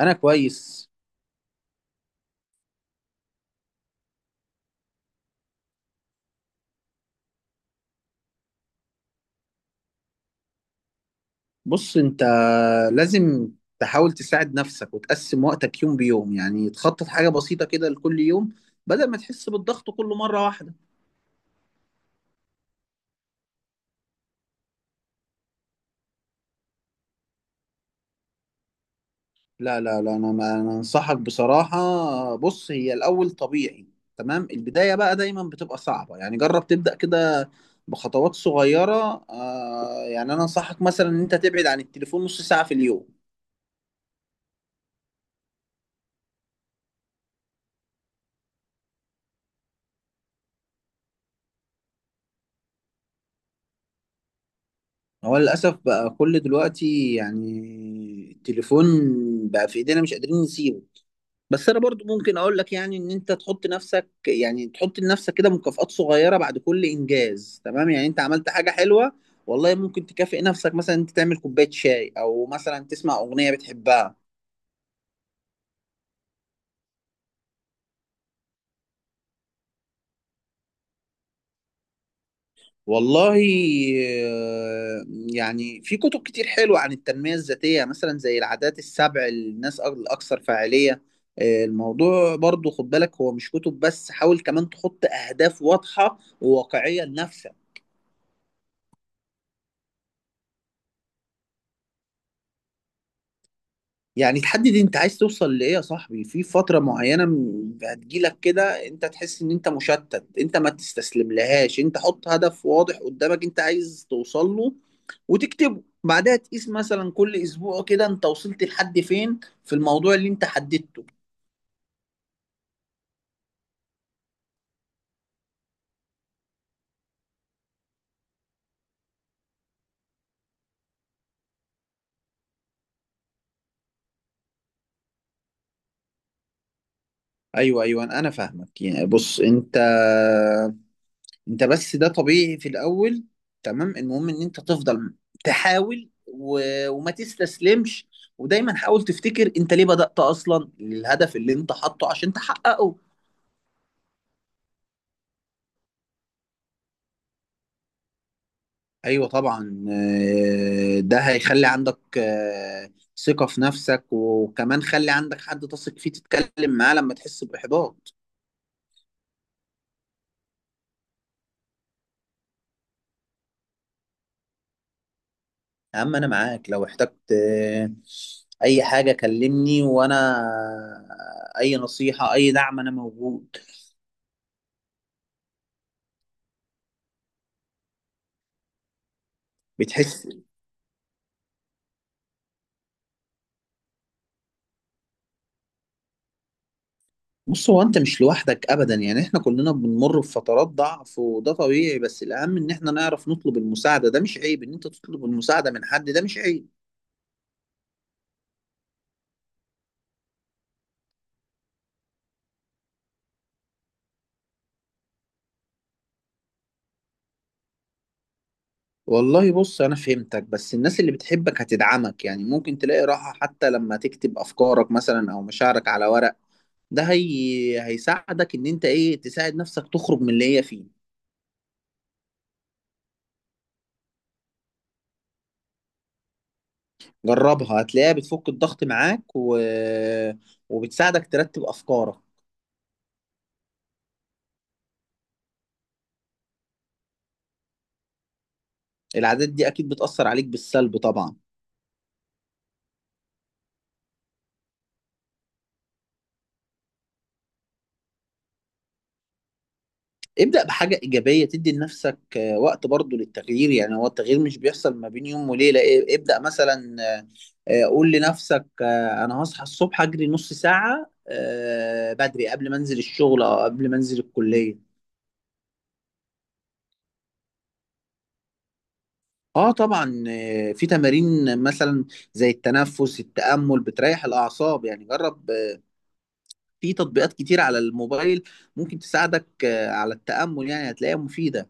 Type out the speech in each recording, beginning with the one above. انا كويس. بص انت، لازم تحاول تساعد نفسك وتقسم وقتك يوم بيوم، يعني تخطط حاجة بسيطة كده لكل يوم، بدل ما تحس بالضغط كل مرة واحدة. لا لا لا، انا ما أنا انصحك بصراحة. بص، هي الاول طبيعي، تمام. البداية بقى دايما بتبقى صعبة، يعني جرب تبدأ كده بخطوات صغيرة. يعني انا انصحك مثلا ان انت تبعد عن التليفون نص ساعة في اليوم. هو للأسف بقى كل دلوقتي، يعني التليفون بقى في إيدينا، مش قادرين نسيبه. بس أنا برضو ممكن أقول لك يعني إن أنت تحط نفسك يعني تحط لنفسك كده مكافآت صغيرة بعد كل إنجاز، تمام. يعني أنت عملت حاجة حلوة، والله ممكن تكافئ نفسك، مثلا أنت تعمل كوباية شاي أو مثلا تسمع أغنية بتحبها. والله، آه، يعني في كتب كتير حلوة عن التنمية الذاتية، مثلا زي العادات السبع للناس الأكثر فاعلية. الموضوع برضو خد بالك هو مش كتب بس، حاول كمان تحط أهداف واضحة وواقعية لنفسك. يعني تحدد انت عايز توصل لإيه يا صاحبي في فترة معينة. هتجيلك كده انت تحس ان انت مشتت، انت ما تستسلم لهاش، انت حط هدف واضح قدامك انت عايز توصل له وتكتبه. بعدها تقيس مثلا كل اسبوع كده انت وصلت لحد فين في الموضوع اللي انت حددته. ايوه ايوه، انا فاهمك. يعني بص انت بس، ده طبيعي في الاول، تمام. المهم ان انت تفضل تحاول وما تستسلمش، ودايما حاول تفتكر انت ليه بدأت اصلا للهدف اللي انت حاطه عشان تحققه. ايوه طبعا. ده هيخلي عندك ثقة في نفسك، وكمان خلي عندك حد تثق فيه تتكلم معاه لما تحس بإحباط. يا عم، انا معاك لو احتجت اي حاجة. كلمني، وانا اي نصيحة اي دعم انا موجود. بتحس؟ بص، هو انت مش لوحدك ابدا، يعني احنا كلنا بنمر بفترات ضعف وده طبيعي، بس الاهم ان احنا نعرف نطلب المساعدة. ده مش عيب ان انت تطلب المساعدة من حد، ده مش عيب. والله بص، انا فهمتك، بس الناس اللي بتحبك هتدعمك. يعني ممكن تلاقي راحة حتى لما تكتب افكارك مثلا او مشاعرك على ورق. ده هيساعدك ان انت ايه تساعد نفسك تخرج من اللي هي فيه. جربها، هتلاقيها بتفك الضغط معاك، وبتساعدك ترتب افكارك. العادات دي اكيد بتأثر عليك بالسلب طبعا. ابدأ بحاجة إيجابية تدي لنفسك وقت برضو للتغيير. يعني هو التغيير مش بيحصل ما بين يوم وليلة. ابدأ مثلا، قول لنفسك أنا هصحى الصبح أجري نص ساعة بدري قبل ما أنزل الشغل أو قبل ما أنزل الكلية. اه طبعا. في تمارين، مثلا زي التنفس، التأمل بتريح الأعصاب، يعني جرب. في تطبيقات كتير على الموبايل ممكن تساعدك على التأمل، يعني هتلاقيها مفيدة.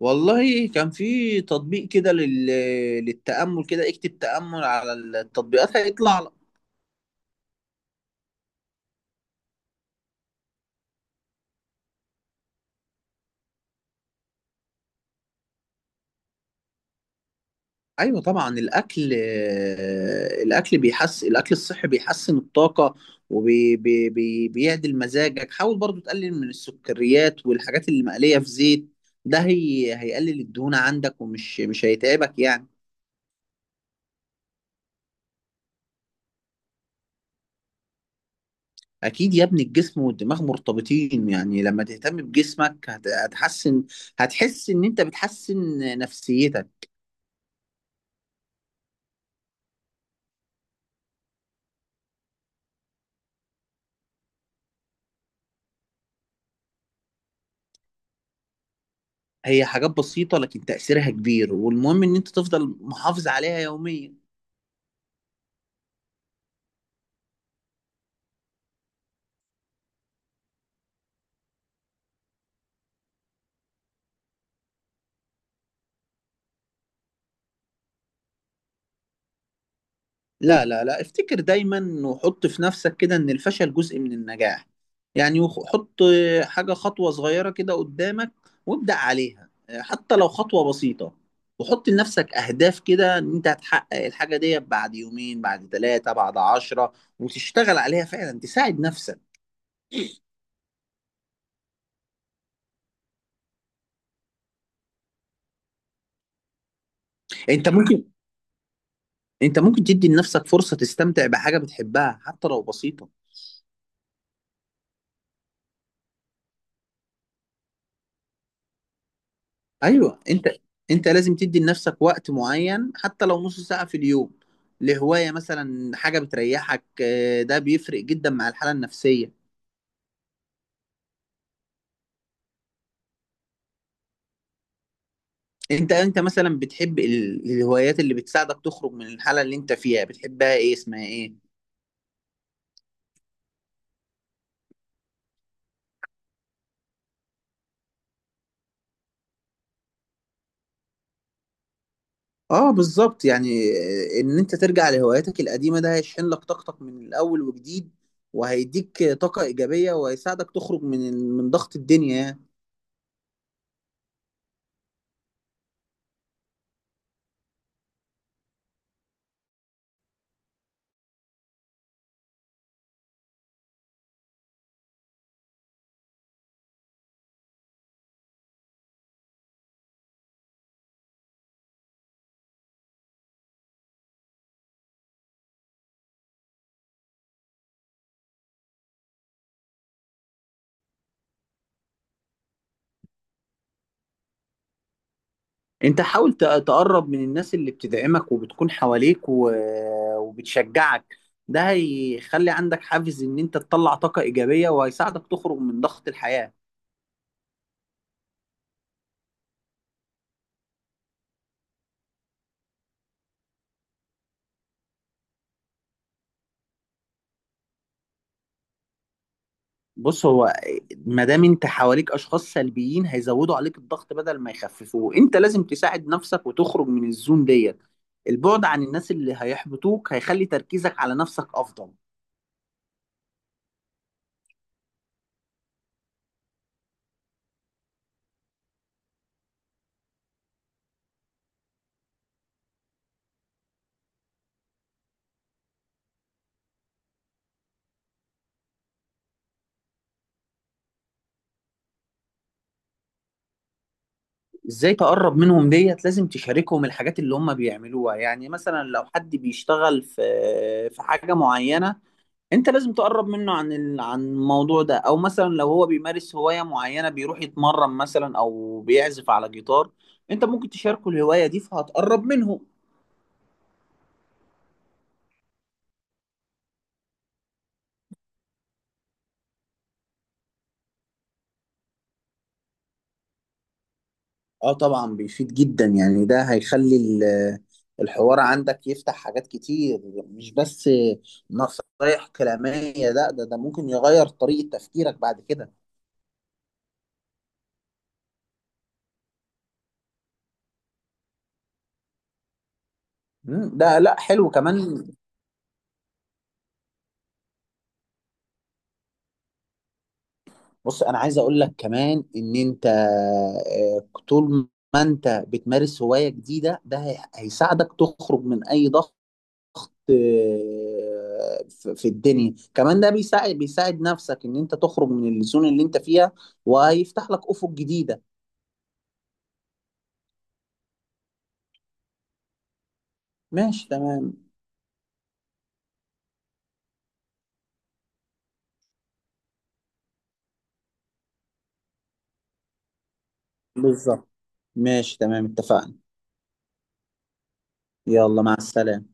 والله كان في تطبيق كده للتأمل كده. اكتب تأمل على التطبيقات هيطلع لك. ايوه طبعا، الاكل، الاكل بيحسن الاكل الصحي بيحسن الطاقة وبيعدل. بيعدل مزاجك. حاول برضو تقلل من السكريات والحاجات اللي مقلية في زيت، ده هيقلل الدهون عندك، ومش مش هيتعبك يعني. اكيد يا ابني، الجسم والدماغ مرتبطين. يعني لما تهتم بجسمك هتحسن، هتحس ان انت بتحسن نفسيتك. هي حاجات بسيطة لكن تأثيرها كبير، والمهم إن أنت تفضل محافظ عليها يوميا. لا لا لا، افتكر دايما وحط في نفسك كده إن الفشل جزء من النجاح. يعني حط خطوة صغيرة كده قدامك وابدأ عليها، حتى لو خطوة بسيطة. وحط لنفسك أهداف كده إن أنت هتحقق الحاجة دي بعد يومين، بعد 3، بعد 10، وتشتغل عليها فعلا تساعد نفسك. أنت ممكن أنت ممكن تدي لنفسك فرصة تستمتع بحاجة بتحبها حتى لو بسيطة. ايوه، انت لازم تدي لنفسك وقت معين حتى لو نص ساعة في اليوم لهواية مثلا، حاجة بتريحك. ده بيفرق جدا مع الحالة النفسية. انت مثلا بتحب الهوايات اللي بتساعدك تخرج من الحالة اللي انت فيها، بتحبها ايه؟ اسمها ايه؟ اه بالظبط. يعني ان انت ترجع لهواياتك القديمة ده هيشحن لك طاقتك من الاول وجديد، وهيديك طاقة ايجابية وهيساعدك تخرج من من ضغط الدنيا يعني. انت حاول تقرب من الناس اللي بتدعمك وبتكون حواليك وبتشجعك. ده هيخلي عندك حافز ان انت تطلع طاقة ايجابية وهيساعدك تخرج من ضغط الحياة. بص، هو ما دام انت حواليك اشخاص سلبيين هيزودوا عليك الضغط بدل ما يخففوه، انت لازم تساعد نفسك وتخرج من الزون ديت. البعد عن الناس اللي هيحبطوك هيخلي تركيزك على نفسك افضل. ازاي تقرب منهم ديت؟ لازم تشاركهم الحاجات اللي هم بيعملوها. يعني مثلا لو حد بيشتغل في حاجة معينة، انت لازم تقرب منه عن عن الموضوع ده. او مثلا لو هو بيمارس هواية معينة، بيروح يتمرن مثلا او بيعزف على جيتار، انت ممكن تشاركه الهواية دي فهتقرب منه. اه طبعا بيفيد جدا، يعني ده هيخلي الحوار عندك يفتح حاجات كتير، مش بس نصايح كلامية لا، ده ممكن يغير طريقة تفكيرك بعد كده. ده لا حلو كمان. بص، انا عايز اقول لك كمان ان انت طول ما انت بتمارس هواية جديدة ده هيساعدك تخرج من اي ضغط في الدنيا كمان. ده بيساعد نفسك ان انت تخرج من الزون اللي انت فيها، وهيفتح لك افق جديدة. ماشي تمام. بالظبط، ماشي تمام، اتفقنا. يلا مع السلامة.